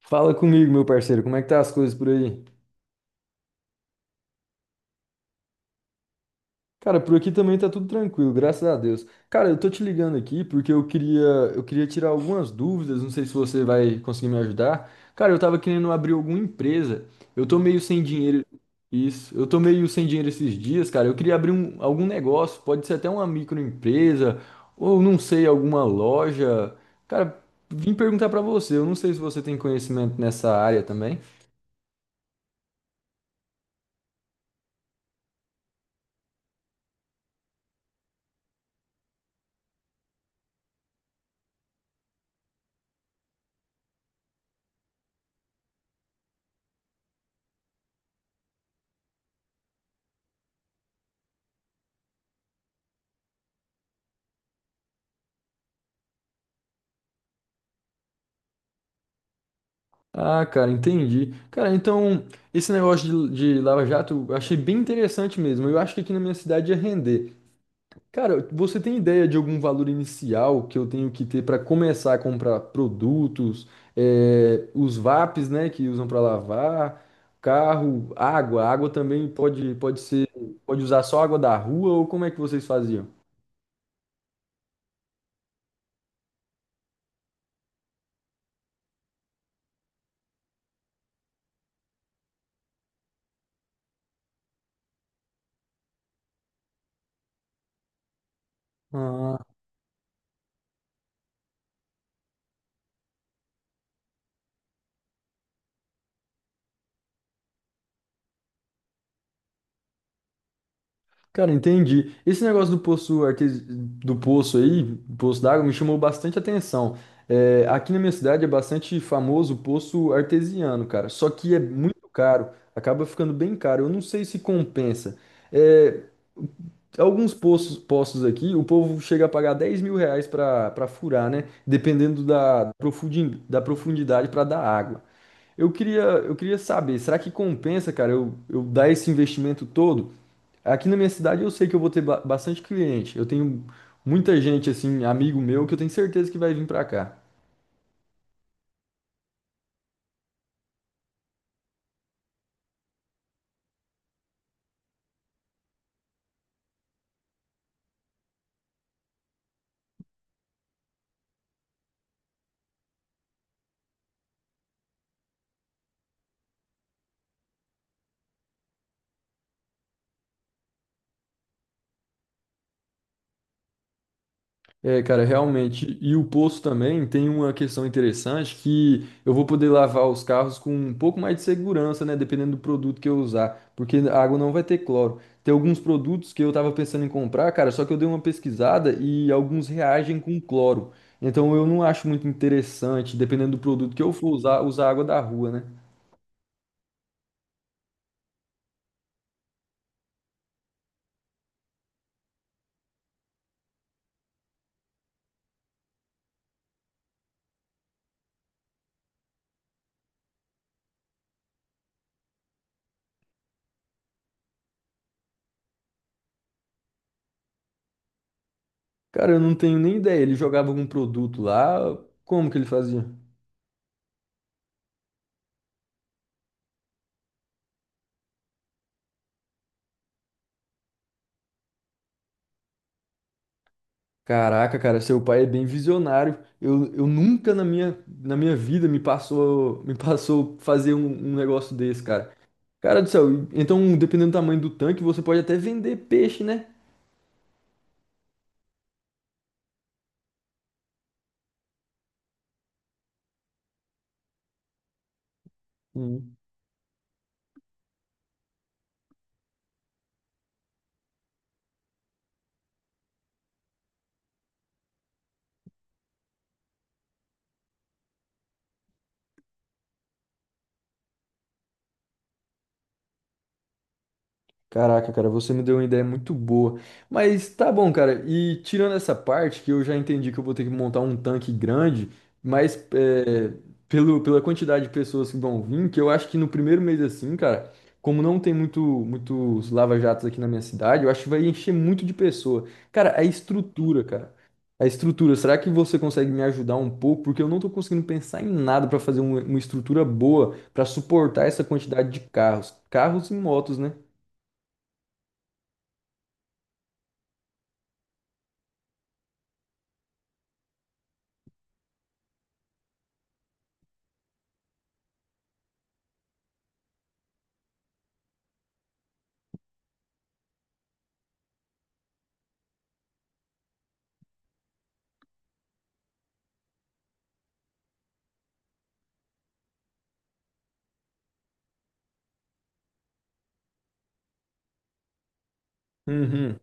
Fala comigo, meu parceiro, como é que tá as coisas por aí? Cara, por aqui também tá tudo tranquilo, graças a Deus. Cara, eu tô te ligando aqui porque eu queria tirar algumas dúvidas, não sei se você vai conseguir me ajudar. Cara, eu tava querendo abrir alguma empresa. Eu tô meio sem dinheiro. Isso, eu tô meio sem dinheiro esses dias, cara. Eu queria algum negócio, pode ser até uma microempresa ou não sei, alguma loja. Cara, vim perguntar pra você, eu não sei se você tem conhecimento nessa área também. Ah, cara, entendi. Cara, então, esse negócio de Lava Jato eu achei bem interessante mesmo. Eu acho que aqui na minha cidade ia render. Cara, você tem ideia de algum valor inicial que eu tenho que ter para começar a comprar produtos, os VAPs, né, que usam para lavar, carro, água? Água também pode ser, pode usar só água da rua ou como é que vocês faziam? Ah, cara, entendi. Esse negócio do poço aí, poço d'água, me chamou bastante atenção. É, aqui na minha cidade é bastante famoso o poço artesiano, cara. Só que é muito caro, acaba ficando bem caro. Eu não sei se compensa. É, postos aqui, o povo chega a pagar 10 mil reais para furar, né? Dependendo da profundidade para dar água. Eu queria saber, será que compensa, cara, eu dar esse investimento todo? Aqui na minha cidade eu sei que eu vou ter bastante cliente. Eu tenho muita gente, assim, amigo meu, que eu tenho certeza que vai vir para cá. É, cara, realmente. E o posto também tem uma questão interessante que eu vou poder lavar os carros com um pouco mais de segurança, né? Dependendo do produto que eu usar, porque a água não vai ter cloro. Tem alguns produtos que eu tava pensando em comprar, cara, só que eu dei uma pesquisada e alguns reagem com cloro. Então eu não acho muito interessante, dependendo do produto que eu for usar, usar água da rua, né? Cara, eu não tenho nem ideia. Ele jogava algum produto lá, como que ele fazia? Caraca, cara, seu pai é bem visionário. Eu nunca na minha vida me passou fazer um negócio desse, cara. Cara do céu, então dependendo do tamanho do tanque, você pode até vender peixe, né? Caraca, cara, você me deu uma ideia muito boa. Mas tá bom, cara. E tirando essa parte, que eu já entendi que eu vou ter que montar um tanque grande, mas é, pelo, pela quantidade de pessoas que vão vir, que eu acho que no primeiro mês assim, cara, como não tem muito, muitos lava-jatos aqui na minha cidade, eu acho que vai encher muito de pessoa. Cara. A estrutura, será que você consegue me ajudar um pouco? Porque eu não tô conseguindo pensar em nada pra fazer uma estrutura boa pra suportar essa quantidade de carros. Carros e motos, né? Uhum.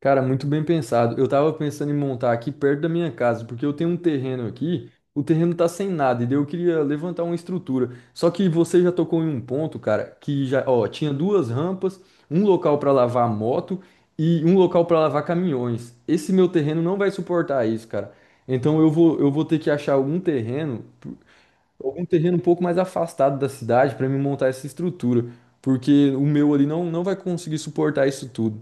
Cara, muito bem pensado. Eu tava pensando em montar aqui perto da minha casa, porque eu tenho um terreno aqui, o terreno tá sem nada, e daí eu queria levantar uma estrutura. Só que você já tocou em um ponto, cara, que já, ó, tinha duas rampas, um local pra lavar moto e um local pra lavar caminhões. Esse meu terreno não vai suportar isso, cara. Então eu vou ter que achar algum terreno um pouco mais afastado da cidade para me montar essa estrutura, porque o meu ali não vai conseguir suportar isso tudo.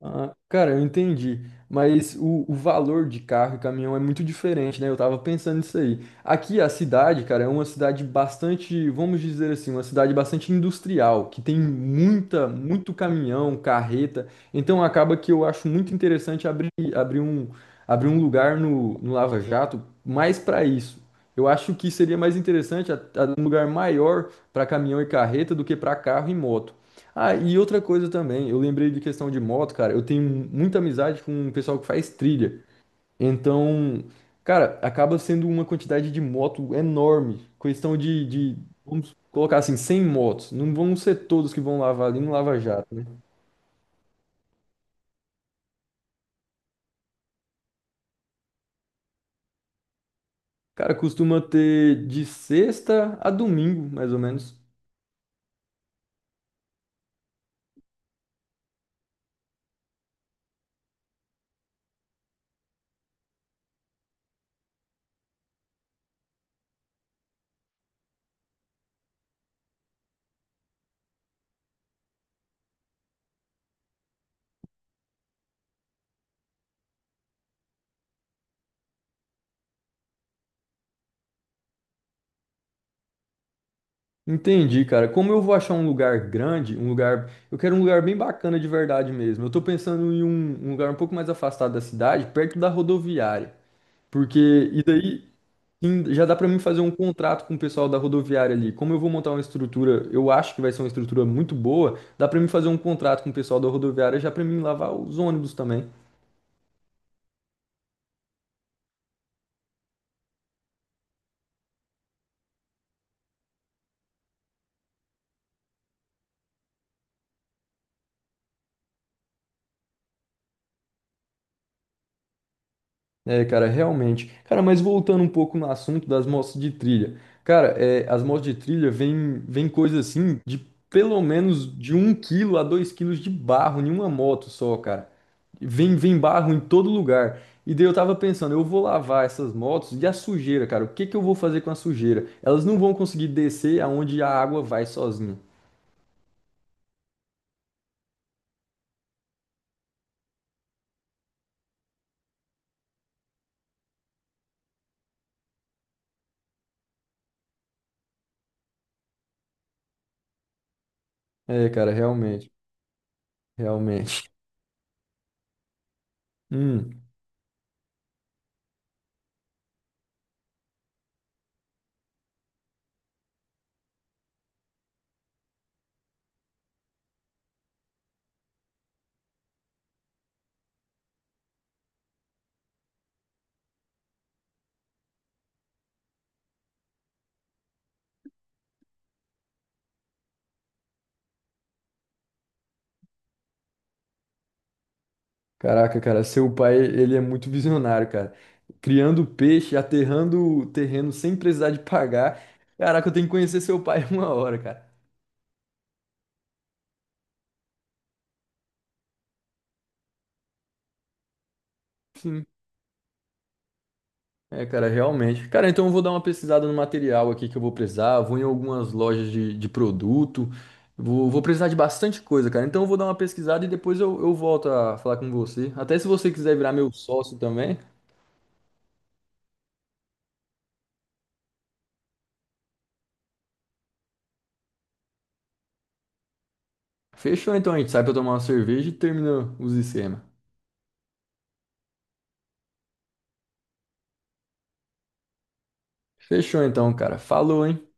Ah, cara, eu entendi, mas o valor de carro e caminhão é muito diferente, né? Eu tava pensando nisso aí. Aqui a cidade, cara, é uma cidade bastante, vamos dizer assim, uma cidade bastante industrial, que tem muito caminhão, carreta. Então acaba que eu acho muito interessante abrir um lugar no Lava Jato mais para isso. Eu acho que seria mais interessante um lugar maior para caminhão e carreta do que para carro e moto. Ah, e outra coisa também, eu lembrei de questão de moto, cara. Eu tenho muita amizade com o pessoal que faz trilha. Então, cara, acaba sendo uma quantidade de moto enorme. Questão de, vamos colocar assim, 100 motos. Não vão ser todos que vão lavar ali no Lava Jato, né? Cara, costuma ter de sexta a domingo, mais ou menos. Entendi, cara. Como eu vou achar um lugar grande, um lugar. Eu quero um lugar bem bacana de verdade mesmo. Eu tô pensando em um lugar um pouco mais afastado da cidade, perto da rodoviária. Porque, e daí em- Já dá para mim fazer um contrato com o pessoal da rodoviária ali. Como eu vou montar uma estrutura, eu acho que vai ser uma estrutura muito boa, dá para mim fazer um contrato com o pessoal da rodoviária já para mim lavar os ônibus também. É, cara, realmente. Cara, mas voltando um pouco no assunto das motos de trilha. Cara, é, as motos de trilha vêm coisa assim de pelo menos de um quilo a 2 quilos de barro em uma moto só, cara. Vem barro em todo lugar. E daí eu tava pensando, eu vou lavar essas motos e a sujeira, cara, o que que eu vou fazer com a sujeira? Elas não vão conseguir descer aonde a água vai sozinha. É, cara, realmente. Hum. Caraca, cara, seu pai, ele é muito visionário, cara. Criando peixe, aterrando o terreno sem precisar de pagar. Caraca, eu tenho que conhecer seu pai uma hora, cara. Sim. É, cara, realmente. Cara, então eu vou dar uma pesquisada no material aqui que eu vou precisar. Vou em algumas lojas de produto. Vou precisar de bastante coisa, cara. Então eu vou dar uma pesquisada e depois eu volto a falar com você. Até se você quiser virar meu sócio também. Fechou então, a gente sai pra tomar uma cerveja e termina os esquemas. Fechou então, cara. Falou, hein?